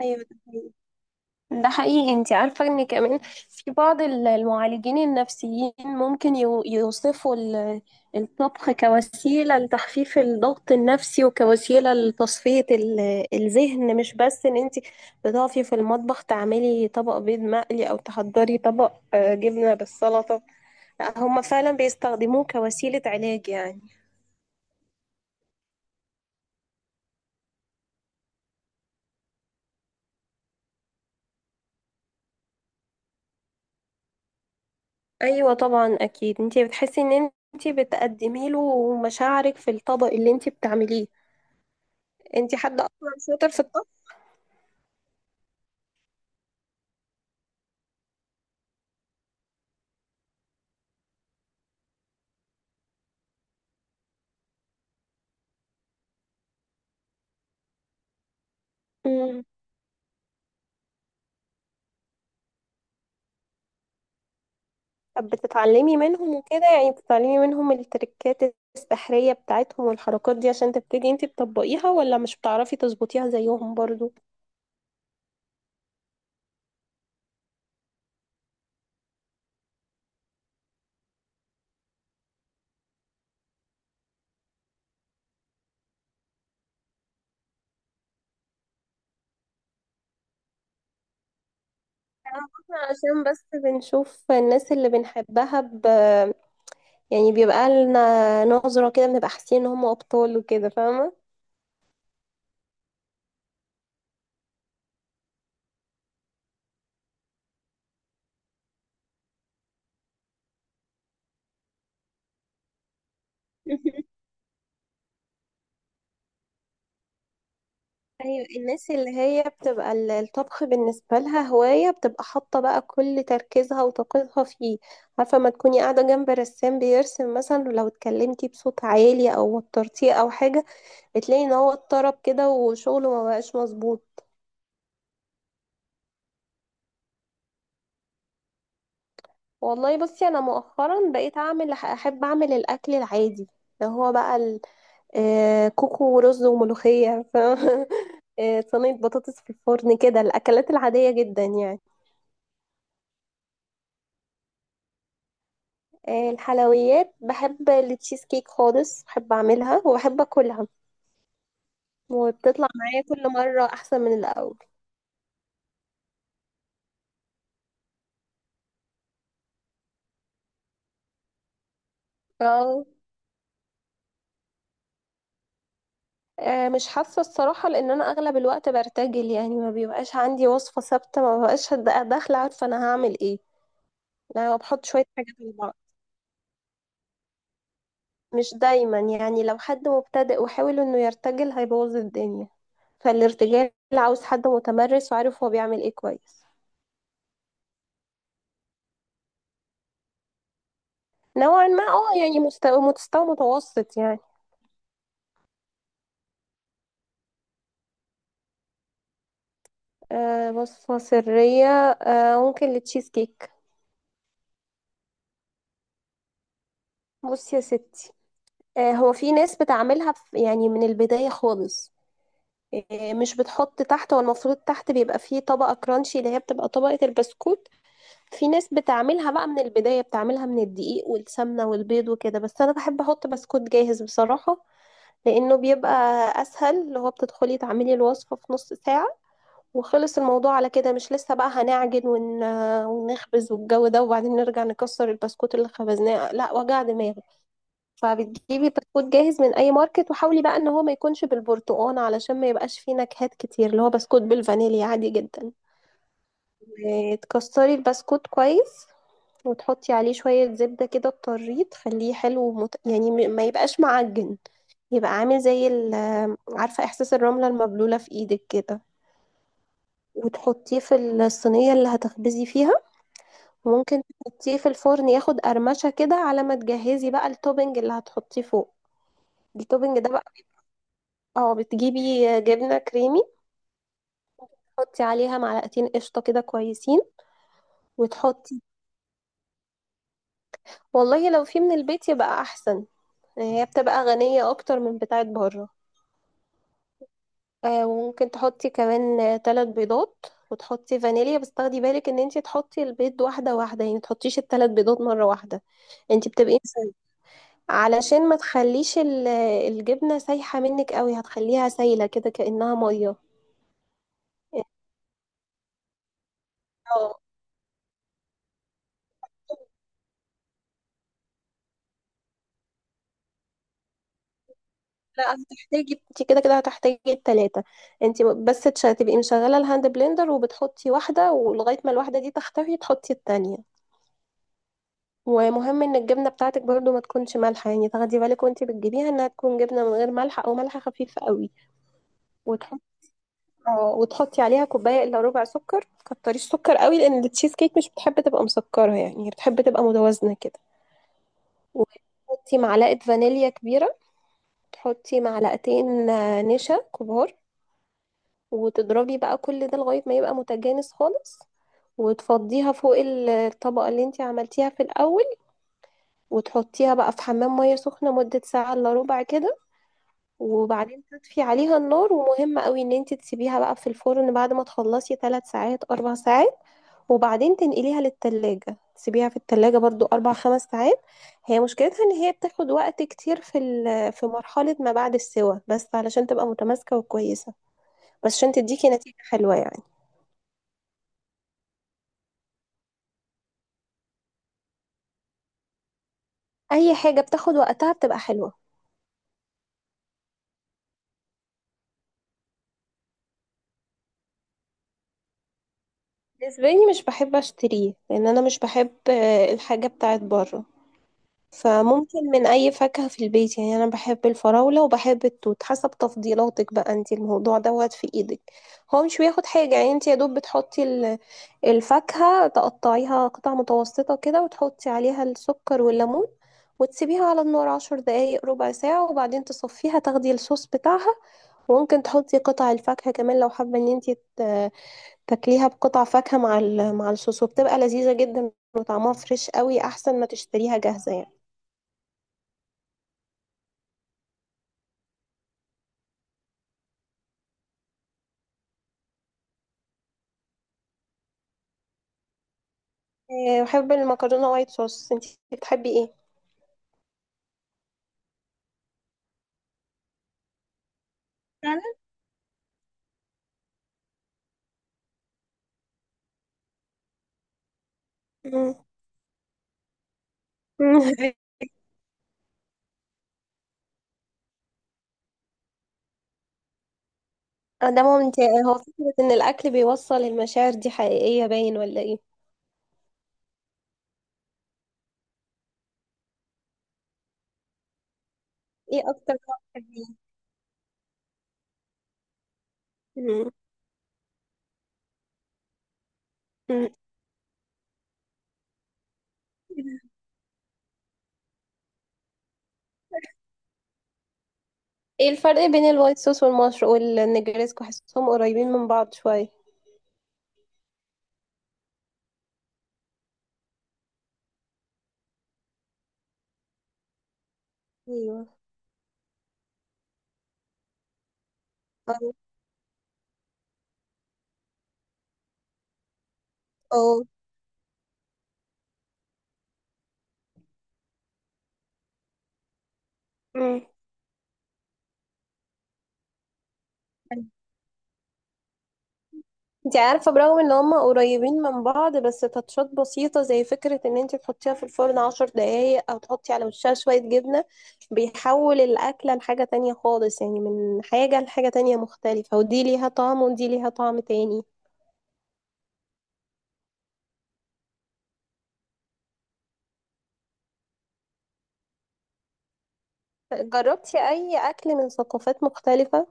ايوه، ده حقيقي. ده حقيقي، انت عارفة ان كمان في بعض المعالجين النفسيين ممكن يوصفوا الطبخ كوسيلة لتخفيف الضغط النفسي وكوسيلة لتصفية الذهن، مش بس ان انت بتقفي في المطبخ تعملي طبق بيض مقلي او تحضري طبق جبنة بالسلطة. لا، هما فعلا بيستخدموه كوسيلة علاج يعني. ايوه طبعا، اكيد انت بتحسي ان انت بتقدمي له مشاعرك في الطبق اللي انت بتعمليه. انتي حد اصلا شاطر في الطبخ؟ امم طب بتتعلمي منهم وكده، يعني بتتعلمي منهم التركات السحرية بتاعتهم والحركات دي عشان تبتدي انتي تطبقيها، ولا مش بتعرفي تظبطيها زيهم برضو؟ انا بطلع عشان بس بنشوف الناس اللي بنحبها يعني بيبقى لنا نظرة كده، بنبقى حاسين ان هم ابطال وكده، فاهمة. ايوه، الناس اللي هي بتبقى الطبخ بالنسبه لها هوايه بتبقى حاطه بقى كل تركيزها وطاقتها فيه. عارفه ما تكوني قاعده جنب رسام بيرسم مثلا، ولو اتكلمتي بصوت عالي او وترتيه او حاجه بتلاقي ان هو اتطرب كده وشغله ما بقاش مظبوط. والله بصي، انا مؤخرا بقيت اعمل، احب اعمل الاكل العادي اللي هو بقى كوكو ورز وملوخيه صينيه بطاطس في الفرن، كده الاكلات العاديه جدا يعني. الحلويات، بحب التشيز كيك خالص، بحب اعملها وبحب اكلها. وبتطلع معايا كل مرة احسن من الاول. اه، مش حاسة الصراحة، لان انا اغلب الوقت برتجل، يعني ما بيبقاش عندي وصفة ثابتة، ما ببقاش داخلة عارفة انا هعمل ايه. انا بحط شوية حاجات على بعض، مش دايما، يعني لو حد مبتدئ وحاول انه يرتجل هيبوظ الدنيا. فالارتجال عاوز حد متمرس وعارف هو بيعمل ايه كويس. نوعا ما اه، يعني مستوى متوسط يعني. بص، مصرية، ممكن للتشيز كيك. بص يا ستي، هو في ناس بتعملها في، يعني من البداية خالص، مش بتحط تحت، هو المفروض تحت بيبقى فيه طبقة كرانشي اللي هي بتبقى طبقة البسكوت. في ناس بتعملها بقى من البداية، بتعملها من الدقيق والسمنة والبيض وكده، بس أنا بحب أحط بسكوت جاهز بصراحة، لأنه بيبقى أسهل، اللي هو بتدخلي تعملي الوصفة في نص ساعة وخلص الموضوع على كده، مش لسه بقى هنعجن ونخبز والجو ده، وبعدين نرجع نكسر البسكوت اللي خبزناه. لا، وجع دماغ. فبتجيبي بسكوت جاهز من اي ماركت، وحاولي بقى ان هو ما يكونش بالبرتقال علشان ما يبقاش فيه نكهات كتير، اللي هو بسكوت بالفانيليا عادي جدا. تكسري البسكوت كويس، وتحطي عليه شوية زبدة كده بطرية تخليه حلو يعني ما يبقاش معجن، يبقى عامل عارفة احساس الرملة المبلولة في ايدك كده، وتحطيه في الصينية اللي هتخبزي فيها. وممكن تحطيه في الفرن ياخد قرمشة كده على ما تجهزي بقى التوبنج اللي هتحطيه فوق. التوبنج ده بقى، اه، بتجيبي جبنة كريمي، تحطي عليها معلقتين قشطة كده كويسين. وتحطي والله لو في من البيت يبقى أحسن، هي بتبقى غنية أكتر من بتاعة بره. وممكن تحطي كمان 3 بيضات، وتحطي فانيليا، بس تاخدي بالك ان انتي تحطي البيض واحدة واحدة، يعني متحطيش التلات بيضات مرة واحدة. انتي بتبقي علشان ما تخليش الجبنة سايحة منك قوي، هتخليها سايلة كده كأنها مية. اه، لا، هتحتاجي، انت كده كده هتحتاجي التلاتة، انت بس تبقي مشغلة الهاند بلندر وبتحطي واحدة، ولغاية ما الواحدة دي تختفي تحطي التانية. ومهم ان الجبنة بتاعتك برضو ما تكونش مالحة، يعني تاخدي بالك وانت بتجيبيها انها تكون جبنة من غير ملح او ملح خفيف قوي. وتحطي اه، وتحطي عليها كوباية الا ربع سكر، متكتريش سكر قوي لان التشيز كيك مش بتحب تبقى مسكرة، يعني هي بتحب تبقى متوازنة كده. وتحطي معلقة فانيليا كبيرة، تحطي معلقتين نشا كبار، وتضربي بقى كل ده لغاية ما يبقى متجانس خالص. وتفضيها فوق الطبقة اللي انتي عملتيها في الأول، وتحطيها بقى في حمام مية سخنة مدة ساعة إلا ربع كده. وبعدين تطفي عليها النار، ومهم قوي ان انتي تسيبيها بقى في الفرن بعد ما تخلصي 3 ساعات 4 ساعات، وبعدين تنقليها للتلاجة، تسيبيها في التلاجة برضو أربع خمس ساعات. هي مشكلتها إن هي بتاخد وقت كتير في في مرحلة ما بعد السوى، بس علشان تبقى متماسكة وكويسة، بس عشان تديكي نتيجة حلوة يعني. أي حاجة بتاخد وقتها بتبقى حلوة. بالنسبة لي، مش بحب أشتريه، لأن أنا مش بحب الحاجة بتاعت بره، فممكن من أي فاكهة في البيت، يعني أنا بحب الفراولة وبحب التوت، حسب تفضيلاتك بقى انت، الموضوع دوت في إيدك. هو مش بياخد حاجة، يعني انت يا دوب بتحطي الفاكهة، تقطعيها قطع متوسطة كده، وتحطي عليها السكر والليمون، وتسيبيها على النار 10 دقايق ربع ساعة، وبعدين تصفيها، تاخدي الصوص بتاعها. وممكن تحطي قطع الفاكهة كمان لو حابة ان انت ت- تاكليها بقطع فاكهة مع مع الصوص، وبتبقى لذيذة جدا، وطعمها فريش قوي احسن ما تشتريها جاهزة يعني. بحب المكرونة وايت صوص، انتي بتحبي ايه؟ فعلا. مم. ده ممتع، هو فكرة ان الاكل بيوصل المشاعر دي حقيقية، باين ولا ايه؟ ايه اكتر نوع بتحبيه؟ مم. مم. ايه الفرق بين الوايت صوص والمشروب والنجريسكو؟ حاسسهم قريبين من بعض شوية. ايوه. اه. أه. مم. انت عارفة برغم ان هما قريبين من بعض، بس تاتشات بسيطة زي فكرة ان انت تحطيها في الفرن 10 دقايق او تحطي على وشها شوية جبنة بيحول الأكلة لحاجة تانية خالص، يعني من حاجة لحاجة تانية مختلفة، ودي ليها طعم ودي ليها طعم تاني. جربتي أي أكل من ثقافات مختلفة؟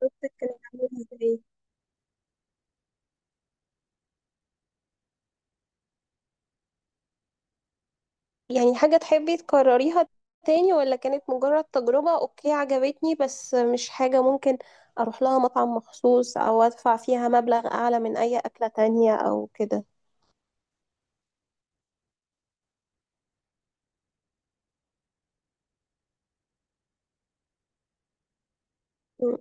شفتك كانت عاملة ازاي؟ يعني حاجة تحبي تكرريها تاني، ولا كانت مجرد تجربة اوكي عجبتني بس مش حاجة ممكن اروح لها مطعم مخصوص، او ادفع فيها مبلغ اعلى من اي اكلة تانية او كده؟ م.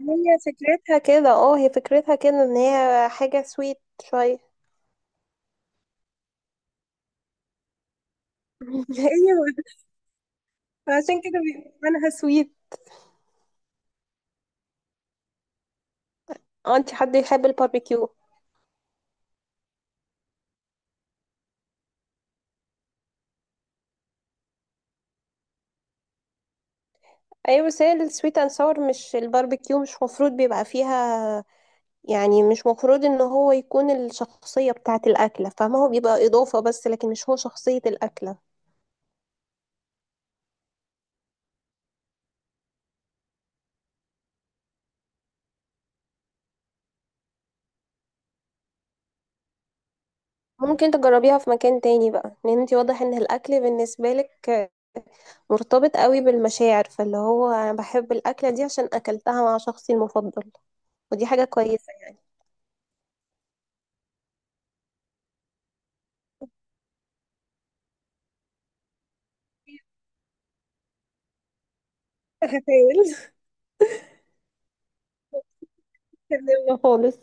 هي فكرتها كده، اه هي فكرتها كده، ان هي حاجة سويت شوية. ايوه، عشان كده بيبقى معناها سويت. اه، انت حد يحب الباربيكيو؟ ايوه، بس هي السويت اند ساور مش الباربيكيو، مش مفروض بيبقى فيها، يعني مش مفروض ان هو يكون الشخصية بتاعة الأكلة، فما هو بيبقى إضافة بس، لكن مش هو شخصية الأكلة. ممكن تجربيها في مكان تاني بقى، لان انتي واضح ان الأكل بالنسبة لك مرتبط قوي بالمشاعر، فاللي هو انا بحب الأكلة دي عشان أكلتها مع شخصي المفضل. ودي حاجة كويسة. هحاول. أتجنبها خالص.